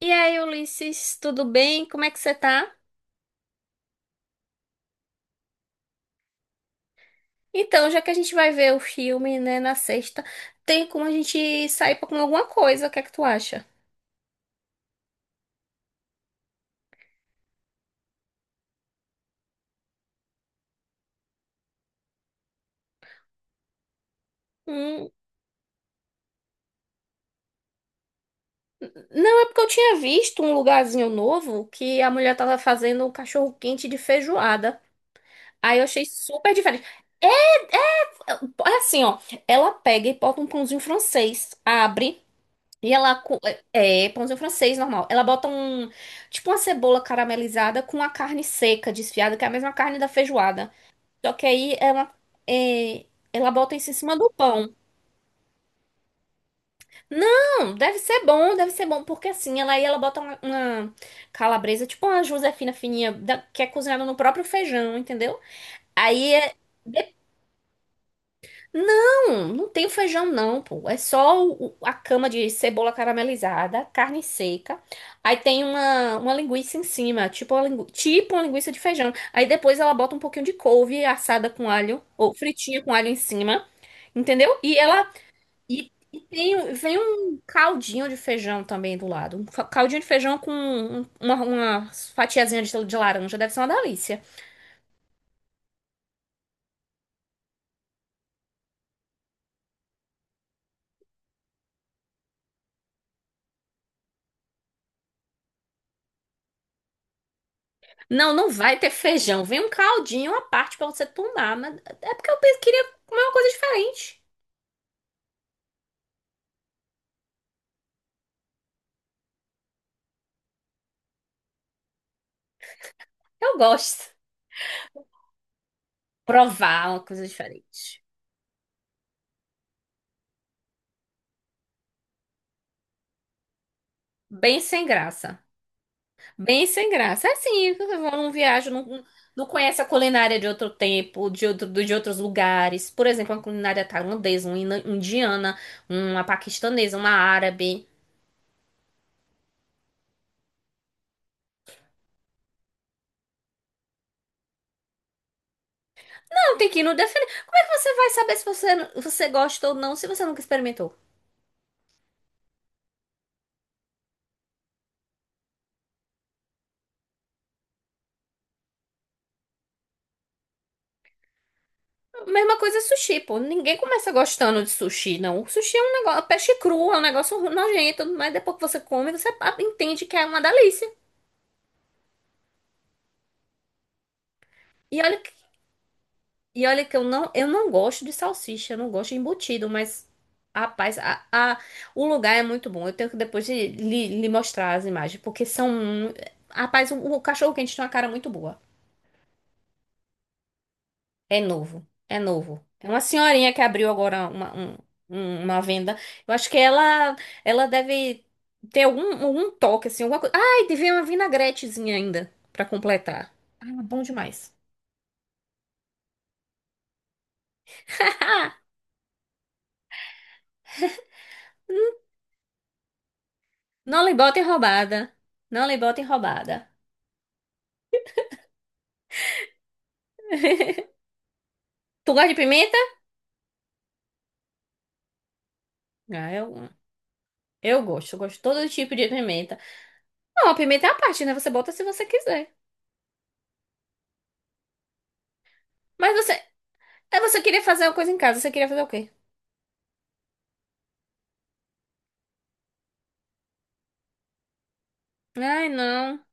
E aí, Ulisses, tudo bem? Como é que você tá? Então, já que a gente vai ver o filme, né, na sexta, tem como a gente sair pra comer alguma coisa? O que é que tu acha? Hum, não, é porque eu tinha visto um lugarzinho novo que a mulher tava fazendo um cachorro-quente de feijoada. Aí eu achei super diferente. É é assim, ó, ela pega e bota um pãozinho francês, abre e é pãozinho francês normal. Ela bota um tipo uma cebola caramelizada com a carne seca desfiada, que é a mesma carne da feijoada. Só que aí ela, é, ela bota isso em cima do pão. Não, deve ser bom, porque assim, ela aí ela bota uma calabresa, tipo uma Josefina fininha, que é cozinhada no próprio feijão, entendeu? Aí é. Não, não tem o feijão, não, pô. É só a cama de cebola caramelizada, carne seca. Aí tem uma linguiça em cima, tipo uma linguiça de feijão. Aí depois ela bota um pouquinho de couve assada com alho, ou fritinha com alho em cima. Entendeu? E vem um caldinho de feijão também do lado. Um caldinho de feijão com uma fatiazinha de laranja. Deve ser uma delícia. Não, não vai ter feijão. Vem um caldinho à parte pra você tomar. Mas é porque eu queria comer uma coisa diferente. Eu gosto. Provar uma coisa diferente. Bem sem graça. Bem sem graça. É. Assim, eu não viajo, não, não conhece a culinária de outro tempo, de outros lugares. Por exemplo, uma culinária tailandesa, uma indiana, uma paquistanesa, uma árabe. Não, tem que ir no defender. Como é que você vai saber se você gosta ou não se você nunca experimentou? Mesma coisa sushi, pô. Ninguém começa gostando de sushi, não. O sushi é um negócio, peixe cru, é um negócio nojento, mas depois que você come, você entende que é uma delícia. E olha que E olha que eu não gosto de salsicha, eu não gosto de embutido, mas rapaz, o lugar é muito bom. Eu tenho que depois de lhe mostrar as imagens, porque são. Rapaz, o cachorro quente tem uma cara muito boa. É novo, é novo. É uma senhorinha que abriu agora uma venda. Eu acho que ela deve ter algum toque, assim, alguma coisa. Ai, devia uma vinagretezinha ainda pra completar. Ah, bom demais. Ah, não lhe botem roubada. Não lhe botem roubada. Tu gosta de pimenta? Ah, eu gosto. Eu gosto de todo tipo de pimenta. Não, a pimenta é a parte, né? Você bota se você quiser. Mas você queria fazer uma coisa em casa. Você queria fazer o quê? Ai, não.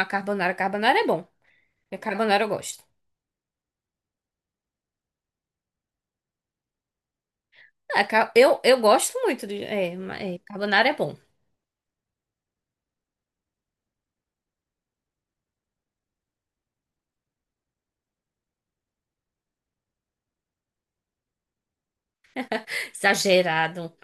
A carbonara. Carbonara é bom. A carbonara eu gosto. Ah, eu gosto muito de. É, carbonara é bom. Exagerado.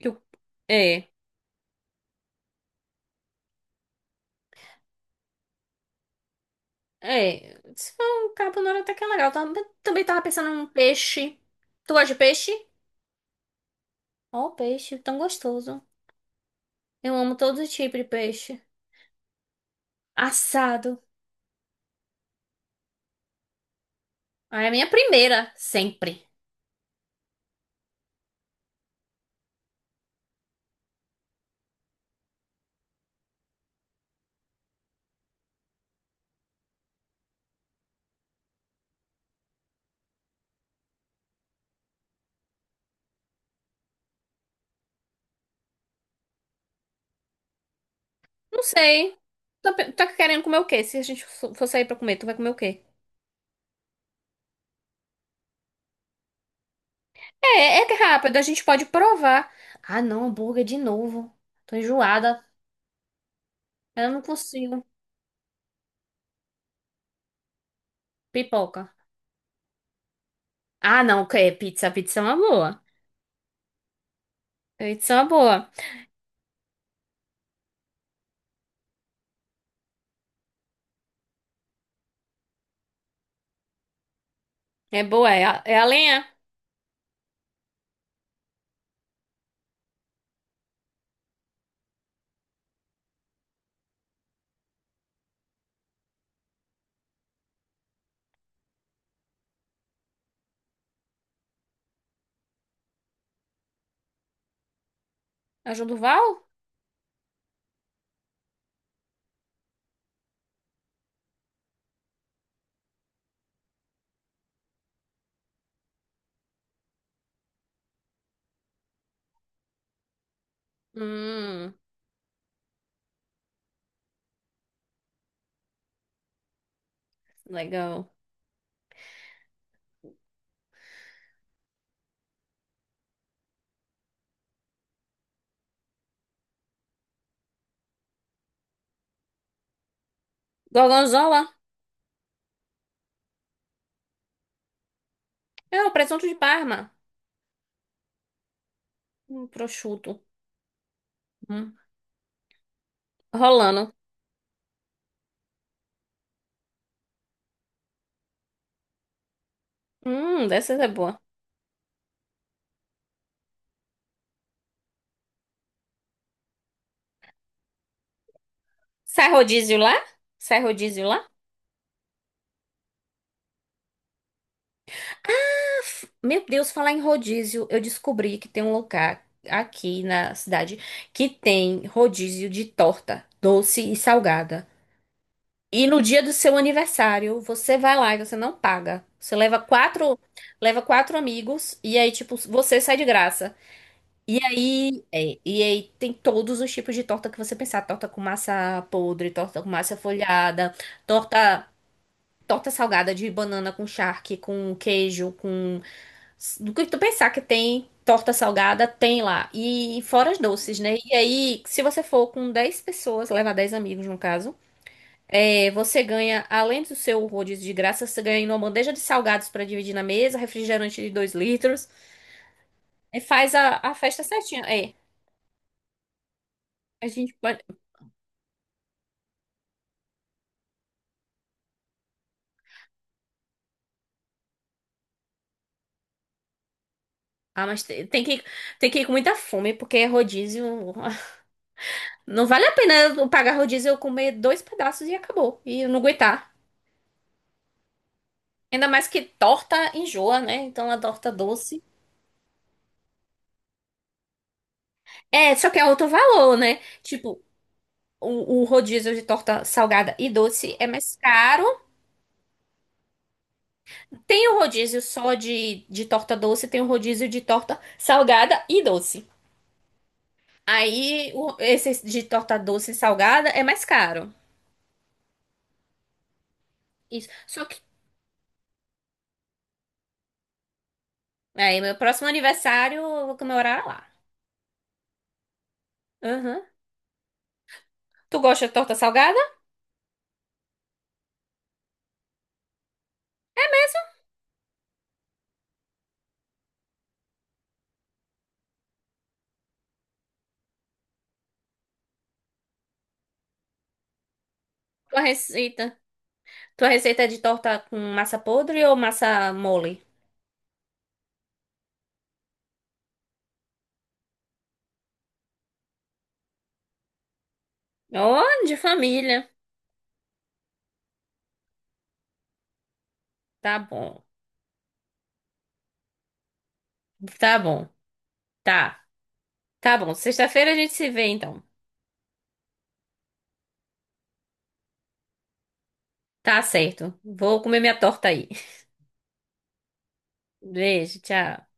Eu- É. É. Se for um carbonara até que é legal. Também tava pensando num peixe. Tu gosta de peixe? Ó, peixe, tão gostoso. Eu amo todo tipo de peixe. Assado. Ah, é a minha primeira, sempre. Não sei. Tá querendo comer o quê? Se a gente for sair pra comer, tu vai comer o quê? É, é rápido, a gente pode provar. Ah, não, hambúrguer de novo. Tô enjoada. Eu não consigo. Pipoca. Ah, não, que é pizza. Pizza é uma boa. Pizza é uma boa. É boa, é a lenha. A Val? Hum, Legal. Gorgonzola? É, o presunto de Parma. Um prosciutto. Hum, Rolando. Dessa é boa. Sai rodízio lá? Sai rodízio lá? Meu Deus, falar em rodízio, eu descobri que tem um lugar aqui na cidade que tem rodízio de torta, doce e salgada. E no dia do seu aniversário, você vai lá e você não paga. Você leva quatro amigos e aí, tipo, você sai de graça. E aí tem todos os tipos de torta que você pensar. Torta com massa podre, torta com massa folhada, torta torta salgada de banana com charque, com queijo, com. Do que tu pensar que tem torta salgada, tem lá. E fora os doces, né? E aí, se você for com 10 pessoas, levar 10 amigos no caso, você ganha, além do seu rodízio de graça, você ganha uma bandeja de salgados pra dividir na mesa, refrigerante de 2 litros. E faz a festa certinha. É. A gente pode. Ah, mas tem que ir com muita fome, porque rodízio. Não vale a pena eu pagar rodízio, e eu comer dois pedaços e acabou. E eu não aguentar. Ainda mais que torta enjoa, né? Então a torta doce. É, só que é outro valor, né? Tipo, o rodízio de torta salgada e doce é mais caro. Tem o rodízio só de torta doce, tem o rodízio de torta salgada e doce. Aí, esse de torta doce e salgada é mais caro. Isso. Só que, aí, meu próximo aniversário, eu vou comemorar lá. Aham. Tu gosta de torta salgada? Tua receita? Tua receita é de torta com massa podre ou massa mole? Oh, de família. Tá bom. Tá bom. Tá. Tá bom. Sexta-feira a gente se vê, então. Tá certo. Vou comer minha torta aí. Beijo, tchau.